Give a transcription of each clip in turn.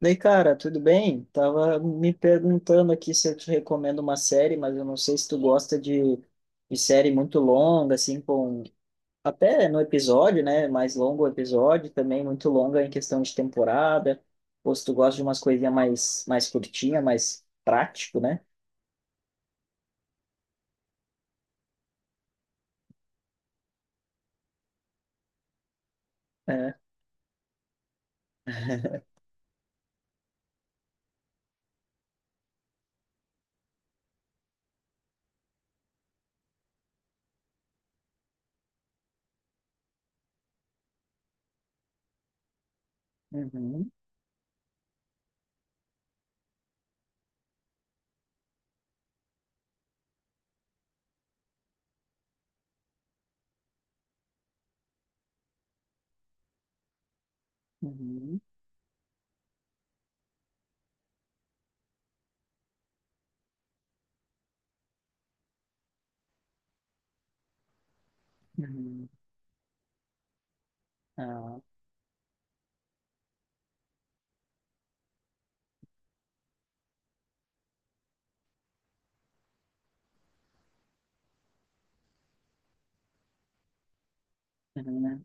Daí, cara, tudo bem? Tava me perguntando aqui se eu te recomendo uma série, mas eu não sei se tu gosta de, série muito longa, assim, com até no episódio, né? Mais longo o episódio, também muito longa em questão de temporada, ou se tu gosta de umas coisinhas mais, curtinha, mais prático, né? É. Uhum, uhum, uhum. Ah, uhum,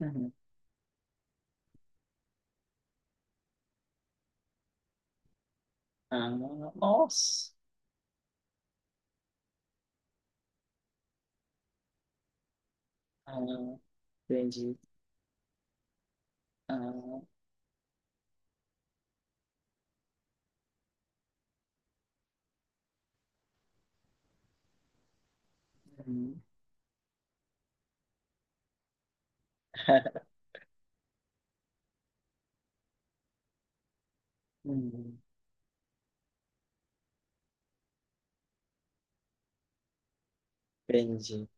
uhum. Ah, nossa. Ah, entendi. Ah, uhum, uhum. Entendi.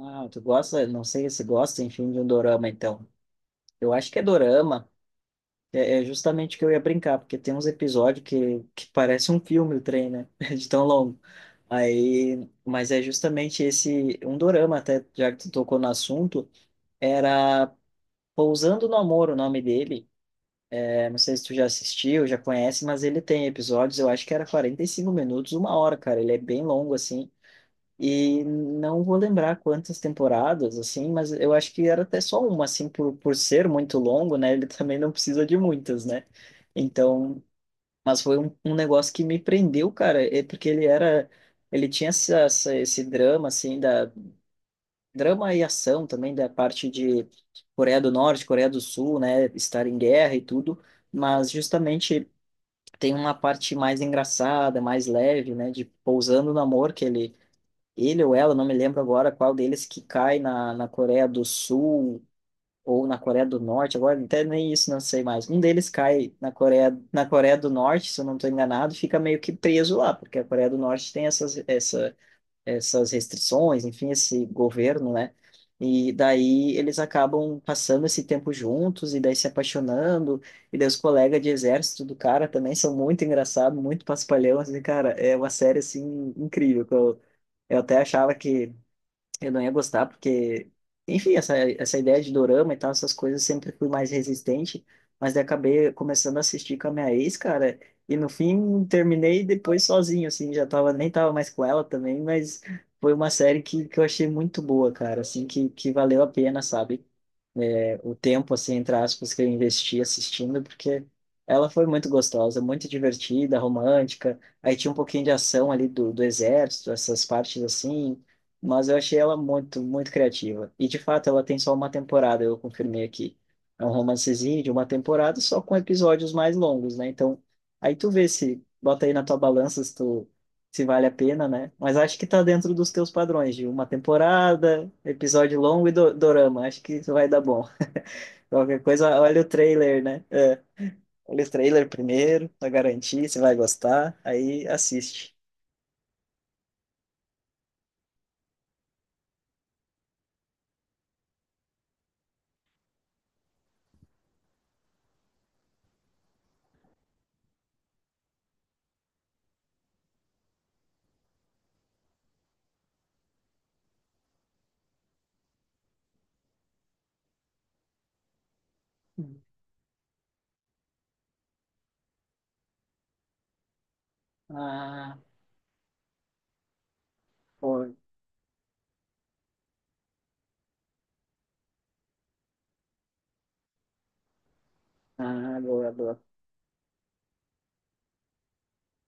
Ah, tu gosta, não sei se gosta, enfim, de um dorama, então. Eu acho que é dorama, é justamente o que eu ia brincar, porque tem uns episódios que parece um filme o trem, né? De tão longo. Aí, mas é justamente esse, um dorama, até, já que tu tocou no assunto, era Pousando no Amor, o nome dele. É, não sei se tu já assistiu, já conhece, mas ele tem episódios, eu acho que era 45 minutos, uma hora, cara. Ele é bem longo, assim. E não vou lembrar quantas temporadas, assim, mas eu acho que era até só uma, assim, por ser muito longo, né? Ele também não precisa de muitas, né? Então, mas foi um negócio que me prendeu, cara, é porque ele era, ele tinha esse drama, assim, da drama e ação também da parte de Coreia do Norte, Coreia do Sul, né? Estar em guerra e tudo, mas justamente tem uma parte mais engraçada, mais leve, né? De pousando no amor que ele ou ela, não me lembro agora qual deles que cai na, Coreia do Sul ou na Coreia do Norte, agora até nem isso não sei mais. Um deles cai na Coreia do Norte, se eu não estou enganado, e fica meio que preso lá, porque a Coreia do Norte tem essas restrições, enfim, esse governo, né? E daí eles acabam passando esse tempo juntos e daí se apaixonando. E daí os colegas de exército do cara também são muito engraçados, muito paspalhão, assim, cara, é uma série assim incrível. Eu até achava que eu não ia gostar, porque, enfim, essa ideia de dorama e tal, essas coisas, sempre fui mais resistente, mas daí acabei começando a assistir com a minha ex, cara, e no fim terminei depois sozinho, assim, já tava, nem tava mais com ela também, mas foi uma série que eu achei muito boa, cara, assim, que valeu a pena, sabe? É, o tempo, assim, entre aspas, que eu investi assistindo, porque ela foi muito gostosa, muito divertida, romântica. Aí tinha um pouquinho de ação ali do exército, essas partes assim, mas eu achei ela muito, muito criativa. E de fato, ela tem só uma temporada, eu confirmei aqui. É um romancezinho de uma temporada, só com episódios mais longos, né? Então, aí tu vê se, bota aí na tua balança se tu. Se vale a pena, né? Mas acho que tá dentro dos teus padrões de uma temporada, episódio longo e do dorama. Acho que isso vai dar bom. Qualquer coisa, olha o trailer, né? É, olha o trailer primeiro, pra garantir se vai gostar, aí assiste. Ah, pô, ah, boa, boa.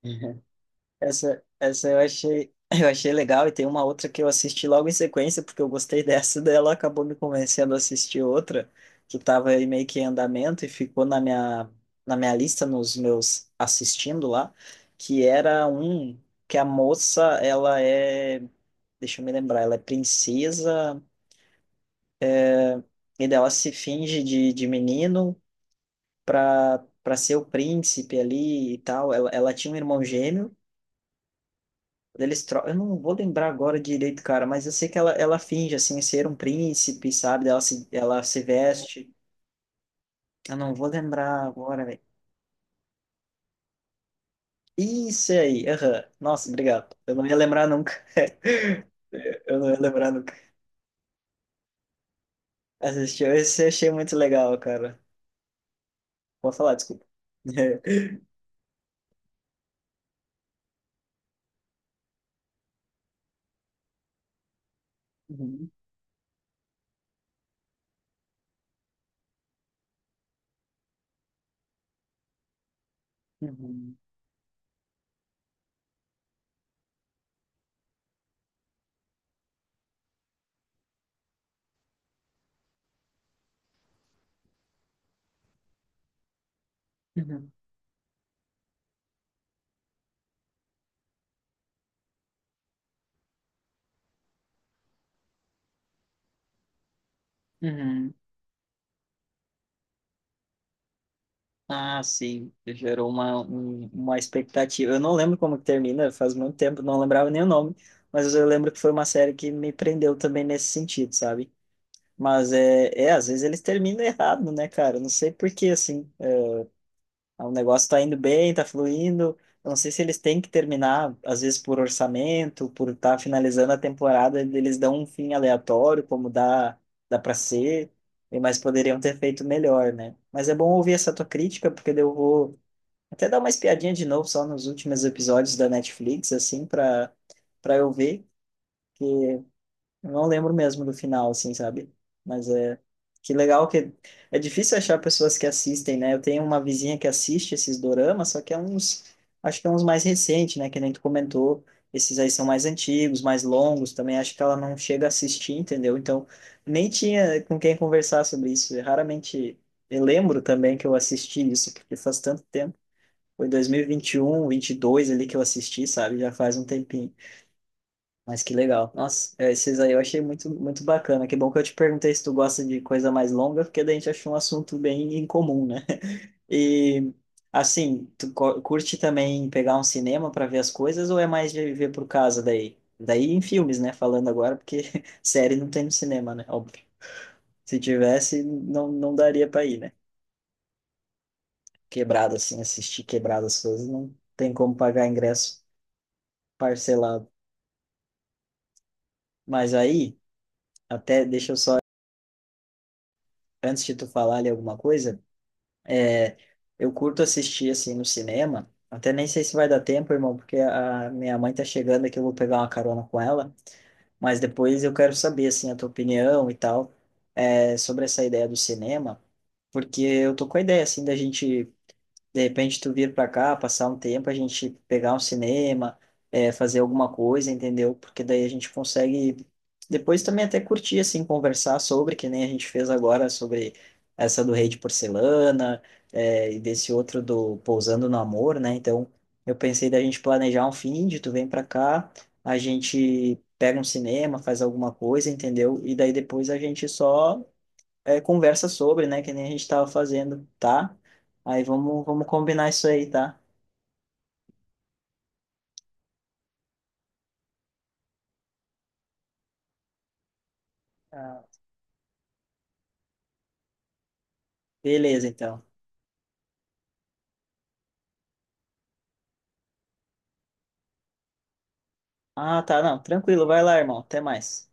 Essa eu achei, eu achei legal e tem uma outra que eu assisti logo em sequência, porque eu gostei dessa, daí ela acabou me convencendo a assistir outra, que estava aí meio que em andamento e ficou na minha lista, nos meus assistindo lá, que era um que a moça, ela é Deixa eu me lembrar, ela é princesa, e daí ela se finge de, menino pra, ser o príncipe ali e tal. Ela tinha um irmão gêmeo, eles tro... eu não vou lembrar agora direito, cara, mas eu sei que ela finge, assim, ser um príncipe, sabe? Ela se veste. Eu não vou lembrar agora, velho. Isso aí, aham. Nossa, obrigado. Eu não ia lembrar nunca. Eu não ia lembrar nunca. Assistiu esse, eu achei muito legal, cara. Vou falar, desculpa. Uhum, uhum, uhum. Uhum. Ah, sim, gerou uma expectativa. Eu não lembro como que termina, faz muito tempo, não lembrava nem o nome, mas eu lembro que foi uma série que me prendeu também nesse sentido, sabe? Mas é, é às vezes eles terminam errado, né, cara? Não sei por que assim. Ah, o negócio tá indo bem, tá fluindo. Eu não sei se eles têm que terminar, às vezes por orçamento, por estar tá finalizando a temporada, eles dão um fim aleatório, como dá, dá para ser, e- mas poderiam ter feito melhor, né? Mas é bom ouvir essa tua crítica, porque daí eu vou até dar uma espiadinha de novo só nos últimos episódios da Netflix, assim, para eu ver. Eu não lembro mesmo do final, assim, sabe? Mas é. Que legal que. É difícil achar pessoas que assistem, né? Eu tenho uma vizinha que assiste esses doramas, só que é uns. Acho que é uns mais recentes, né? Que nem tu comentou. Esses aí são mais antigos, mais longos também. Acho que ela não chega a assistir, entendeu? Então, nem tinha com quem conversar sobre isso. Eu raramente. Eu lembro também que eu assisti isso, porque faz tanto tempo. Foi 2020, 2021, 2022 ali que eu assisti, sabe? Já faz um tempinho. Mas que legal. Nossa, é, esses aí eu achei muito, muito bacana. Que bom que eu te perguntei se tu gosta de coisa mais longa, porque daí a gente achou um assunto bem incomum, né? E, assim, curte também pegar um cinema para ver as coisas ou é mais de ver por casa daí? Daí em filmes, né? Falando agora, porque série não tem no cinema, né? Óbvio. Se tivesse, não, não daria para ir, né? Quebrado, assim, assistir quebrado as coisas, não tem como pagar ingresso parcelado. Mas aí, até deixa eu só, antes de tu falar ali alguma coisa. Eu curto assistir assim no cinema. Até nem sei se vai dar tempo, irmão, porque a minha mãe tá chegando aqui, eu vou pegar uma carona com ela. Mas depois eu quero saber assim a tua opinião e tal, é, sobre essa ideia do cinema, porque eu tô com a ideia assim da gente de repente tu vir para cá, passar um tempo, a gente pegar um cinema, fazer alguma coisa, entendeu? Porque daí a gente consegue depois também até curtir, assim, conversar sobre, que nem a gente fez agora, sobre essa do Rei de Porcelana, e desse outro do Pousando no Amor, né? Então eu pensei da gente planejar um fim de tu vem para cá, a gente pega um cinema, faz alguma coisa, entendeu? E daí depois a gente só é, conversa sobre, né? Que nem a gente tava fazendo, tá? Aí vamos, vamos combinar isso aí, tá? Ah, beleza, então. Ah, tá, não, tranquilo, vai lá, irmão. Até mais.